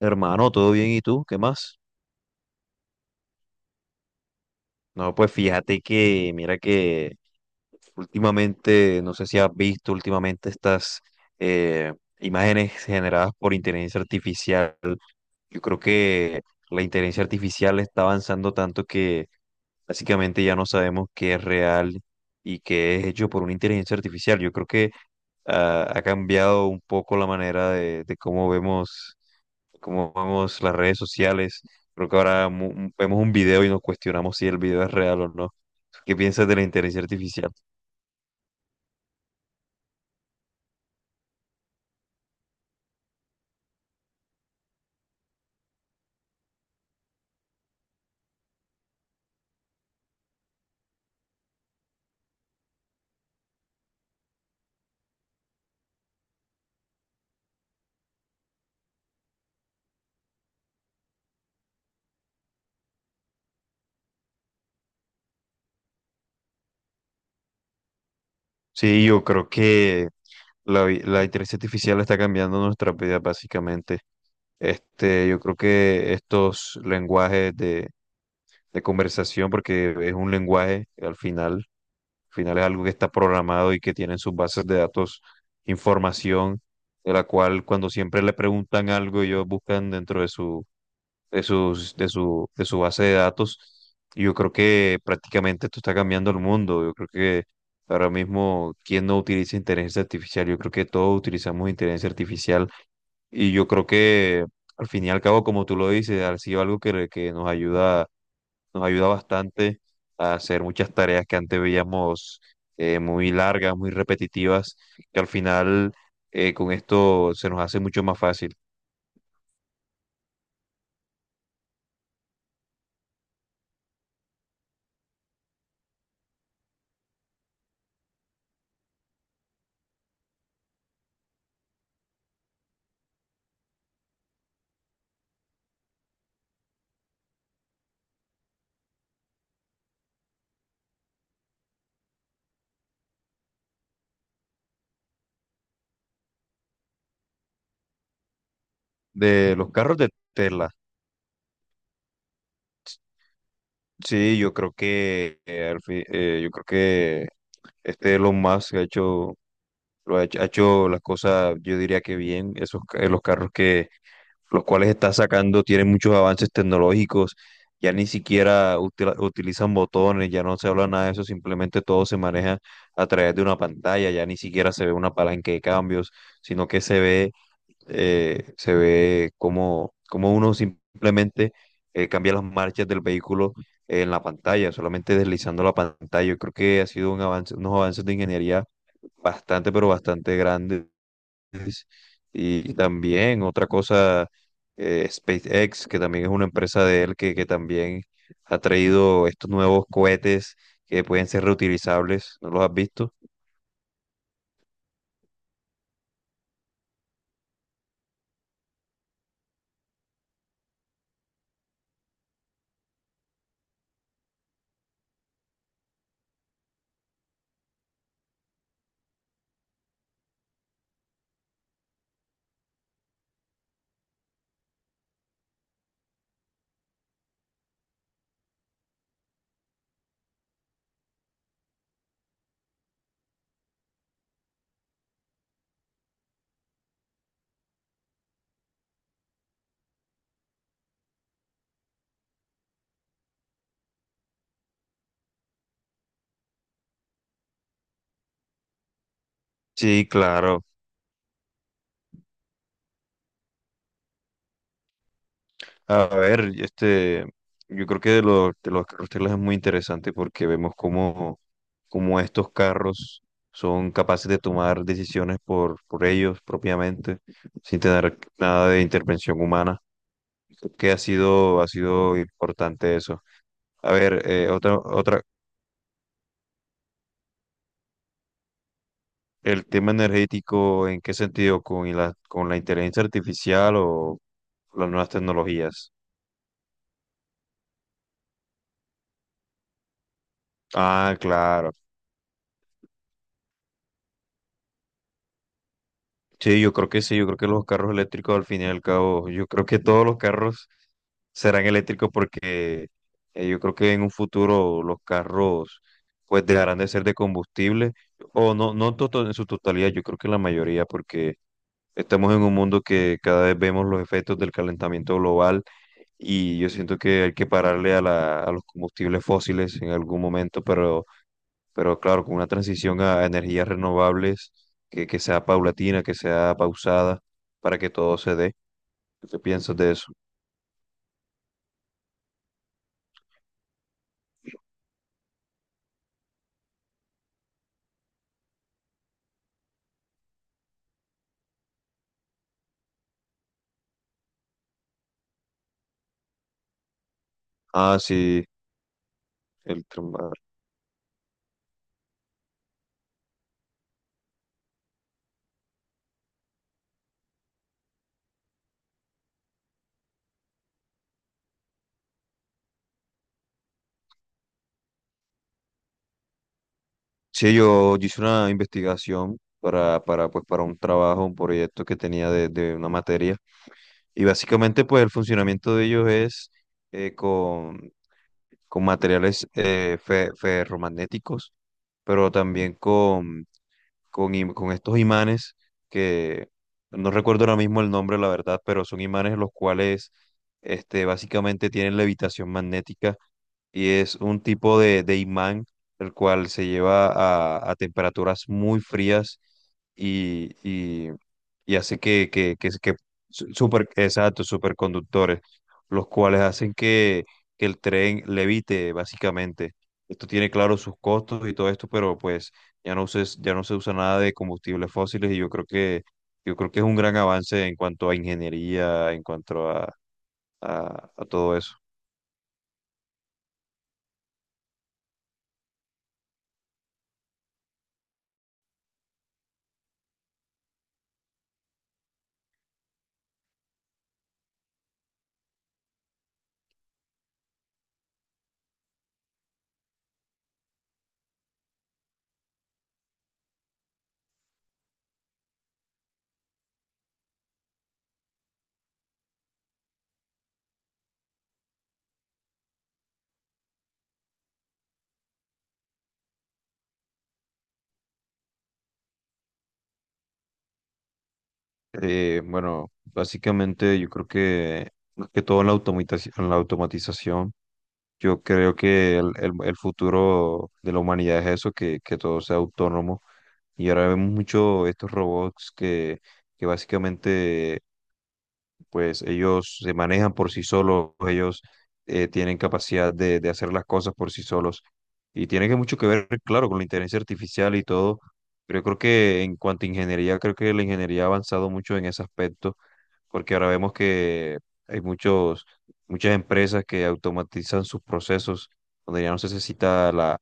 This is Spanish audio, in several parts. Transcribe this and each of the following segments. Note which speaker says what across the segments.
Speaker 1: Hermano, ¿todo bien? ¿Y tú? ¿Qué más? No, pues fíjate que, mira que últimamente, no sé si has visto últimamente estas eh, imágenes generadas por inteligencia artificial. Yo creo que la inteligencia artificial está avanzando tanto que básicamente ya no sabemos qué es real y qué es hecho por una inteligencia artificial. Yo creo que ha cambiado un poco la manera de cómo vemos. Cómo vamos las redes sociales. Creo que ahora vemos un video y nos cuestionamos si el video es real o no. ¿Qué piensas de la inteligencia artificial? Sí, yo creo que la inteligencia artificial está cambiando nuestra vida básicamente. Este, yo creo que estos lenguajes de conversación, porque es un lenguaje que al final es algo que está programado y que tiene en sus bases de datos información de la cual cuando siempre le preguntan algo, ellos buscan dentro de su de su base de datos. Y yo creo que prácticamente esto está cambiando el mundo. Yo creo que ahora mismo, ¿quién no utiliza inteligencia artificial? Yo creo que todos utilizamos inteligencia artificial. Y yo creo que al fin y al cabo, como tú lo dices, ha sido algo que nos ayuda bastante a hacer muchas tareas que antes veíamos muy largas, muy repetitivas, que al final con esto se nos hace mucho más fácil. De los carros de Tesla. Sí, yo creo que yo creo que este Elon Musk ha hecho, lo ha hecho las cosas, yo diría que bien. Esos los carros que los cuales está sacando tienen muchos avances tecnológicos. Ya ni siquiera utilizan botones, ya no se habla nada de eso, simplemente todo se maneja a través de una pantalla, ya ni siquiera se ve una palanca de cambios, sino que se ve como cómo uno simplemente cambia las marchas del vehículo en la pantalla, solamente deslizando la pantalla. Yo creo que ha sido un avance, unos avances de ingeniería bastante, pero bastante grandes. Y también otra cosa, SpaceX, que también es una empresa de él, que también ha traído estos nuevos cohetes que pueden ser reutilizables. ¿No los has visto? Sí, claro. A ver, este, yo creo que de los carros Tesla es muy interesante porque vemos cómo, cómo estos carros son capaces de tomar decisiones por ellos propiamente, sin tener nada de intervención humana. Creo que ha sido importante eso. A ver, el tema energético, ¿en qué sentido? ¿Con con la inteligencia artificial o las nuevas tecnologías? Ah, claro. Sí, yo creo que sí, yo creo que los carros eléctricos al fin y al cabo, yo creo que todos los carros serán eléctricos porque yo creo que en un futuro los carros pues dejarán de ser de combustible o no, en su totalidad, yo creo que la mayoría porque estamos en un mundo que cada vez vemos los efectos del calentamiento global y yo siento que hay que pararle a a los combustibles fósiles en algún momento, pero claro, con una transición a energías renovables que sea paulatina, que sea pausada, para que todo se dé. ¿Qué te piensas de eso? Ah, sí, el trambar. Sí, yo hice una investigación pues, para un trabajo, un proyecto que tenía de una materia. Y básicamente, pues, el funcionamiento de ellos es eh, con, con materiales ferromagnéticos, pero también con con estos imanes que no recuerdo ahora mismo el nombre, la verdad, pero son imanes los cuales este, básicamente tienen levitación magnética y es un tipo de imán el cual se lleva a temperaturas muy frías y, y, y hace que, exacto, superconductores, los cuales hacen que el tren levite básicamente. Esto tiene claro sus costos y todo esto, pero pues ya no se usa nada de combustibles fósiles y yo creo que es un gran avance en cuanto a ingeniería, en cuanto a todo eso. Bueno, básicamente yo creo que más que todo en la automatización, yo creo que el futuro de la humanidad es eso, que todo sea autónomo. Y ahora vemos mucho estos robots que básicamente pues ellos se manejan por sí solos, ellos tienen capacidad de hacer las cosas por sí solos. Y tiene que mucho que ver, claro, con la inteligencia artificial y todo. Pero yo creo que en cuanto a ingeniería, creo que la ingeniería ha avanzado mucho en ese aspecto, porque ahora vemos que hay muchas empresas que automatizan sus procesos, donde ya no se necesita la,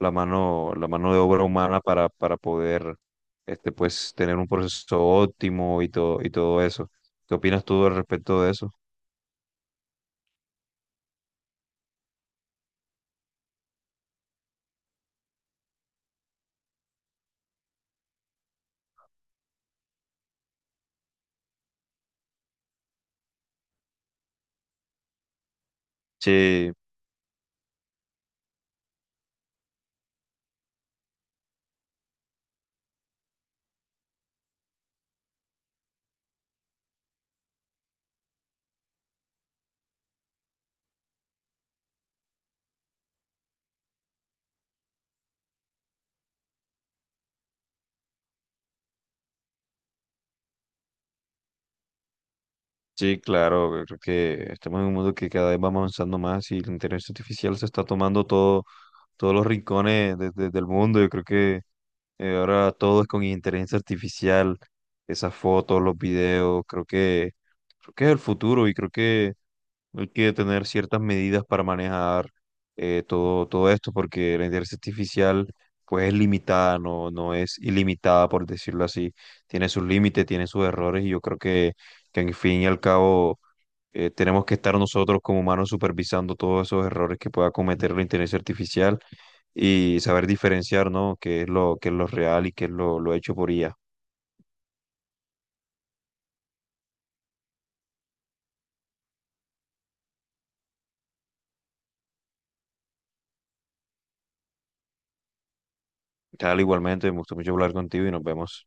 Speaker 1: la mano, la mano de obra humana para poder este, pues, tener un proceso óptimo y todo eso. ¿Qué opinas tú al respecto de eso? Sí, sí, claro, yo creo que estamos en un mundo que cada vez vamos avanzando más y la inteligencia artificial se está tomando todo, todos los rincones de- del mundo. Yo creo que ahora todo es con inteligencia artificial, esas fotos, los videos, creo que es el futuro y creo que hay que tener ciertas medidas para manejar todo esto, porque la inteligencia artificial pues es limitada, no, no es ilimitada, por decirlo así. Tiene sus límites, tiene sus errores, y yo creo que en fin y al cabo tenemos que estar nosotros como humanos supervisando todos esos errores que pueda cometer la inteligencia artificial y saber diferenciar, ¿no? Qué es lo, qué es lo real y qué es lo hecho por IA. Tal, igualmente, me gustó mucho hablar contigo y nos vemos.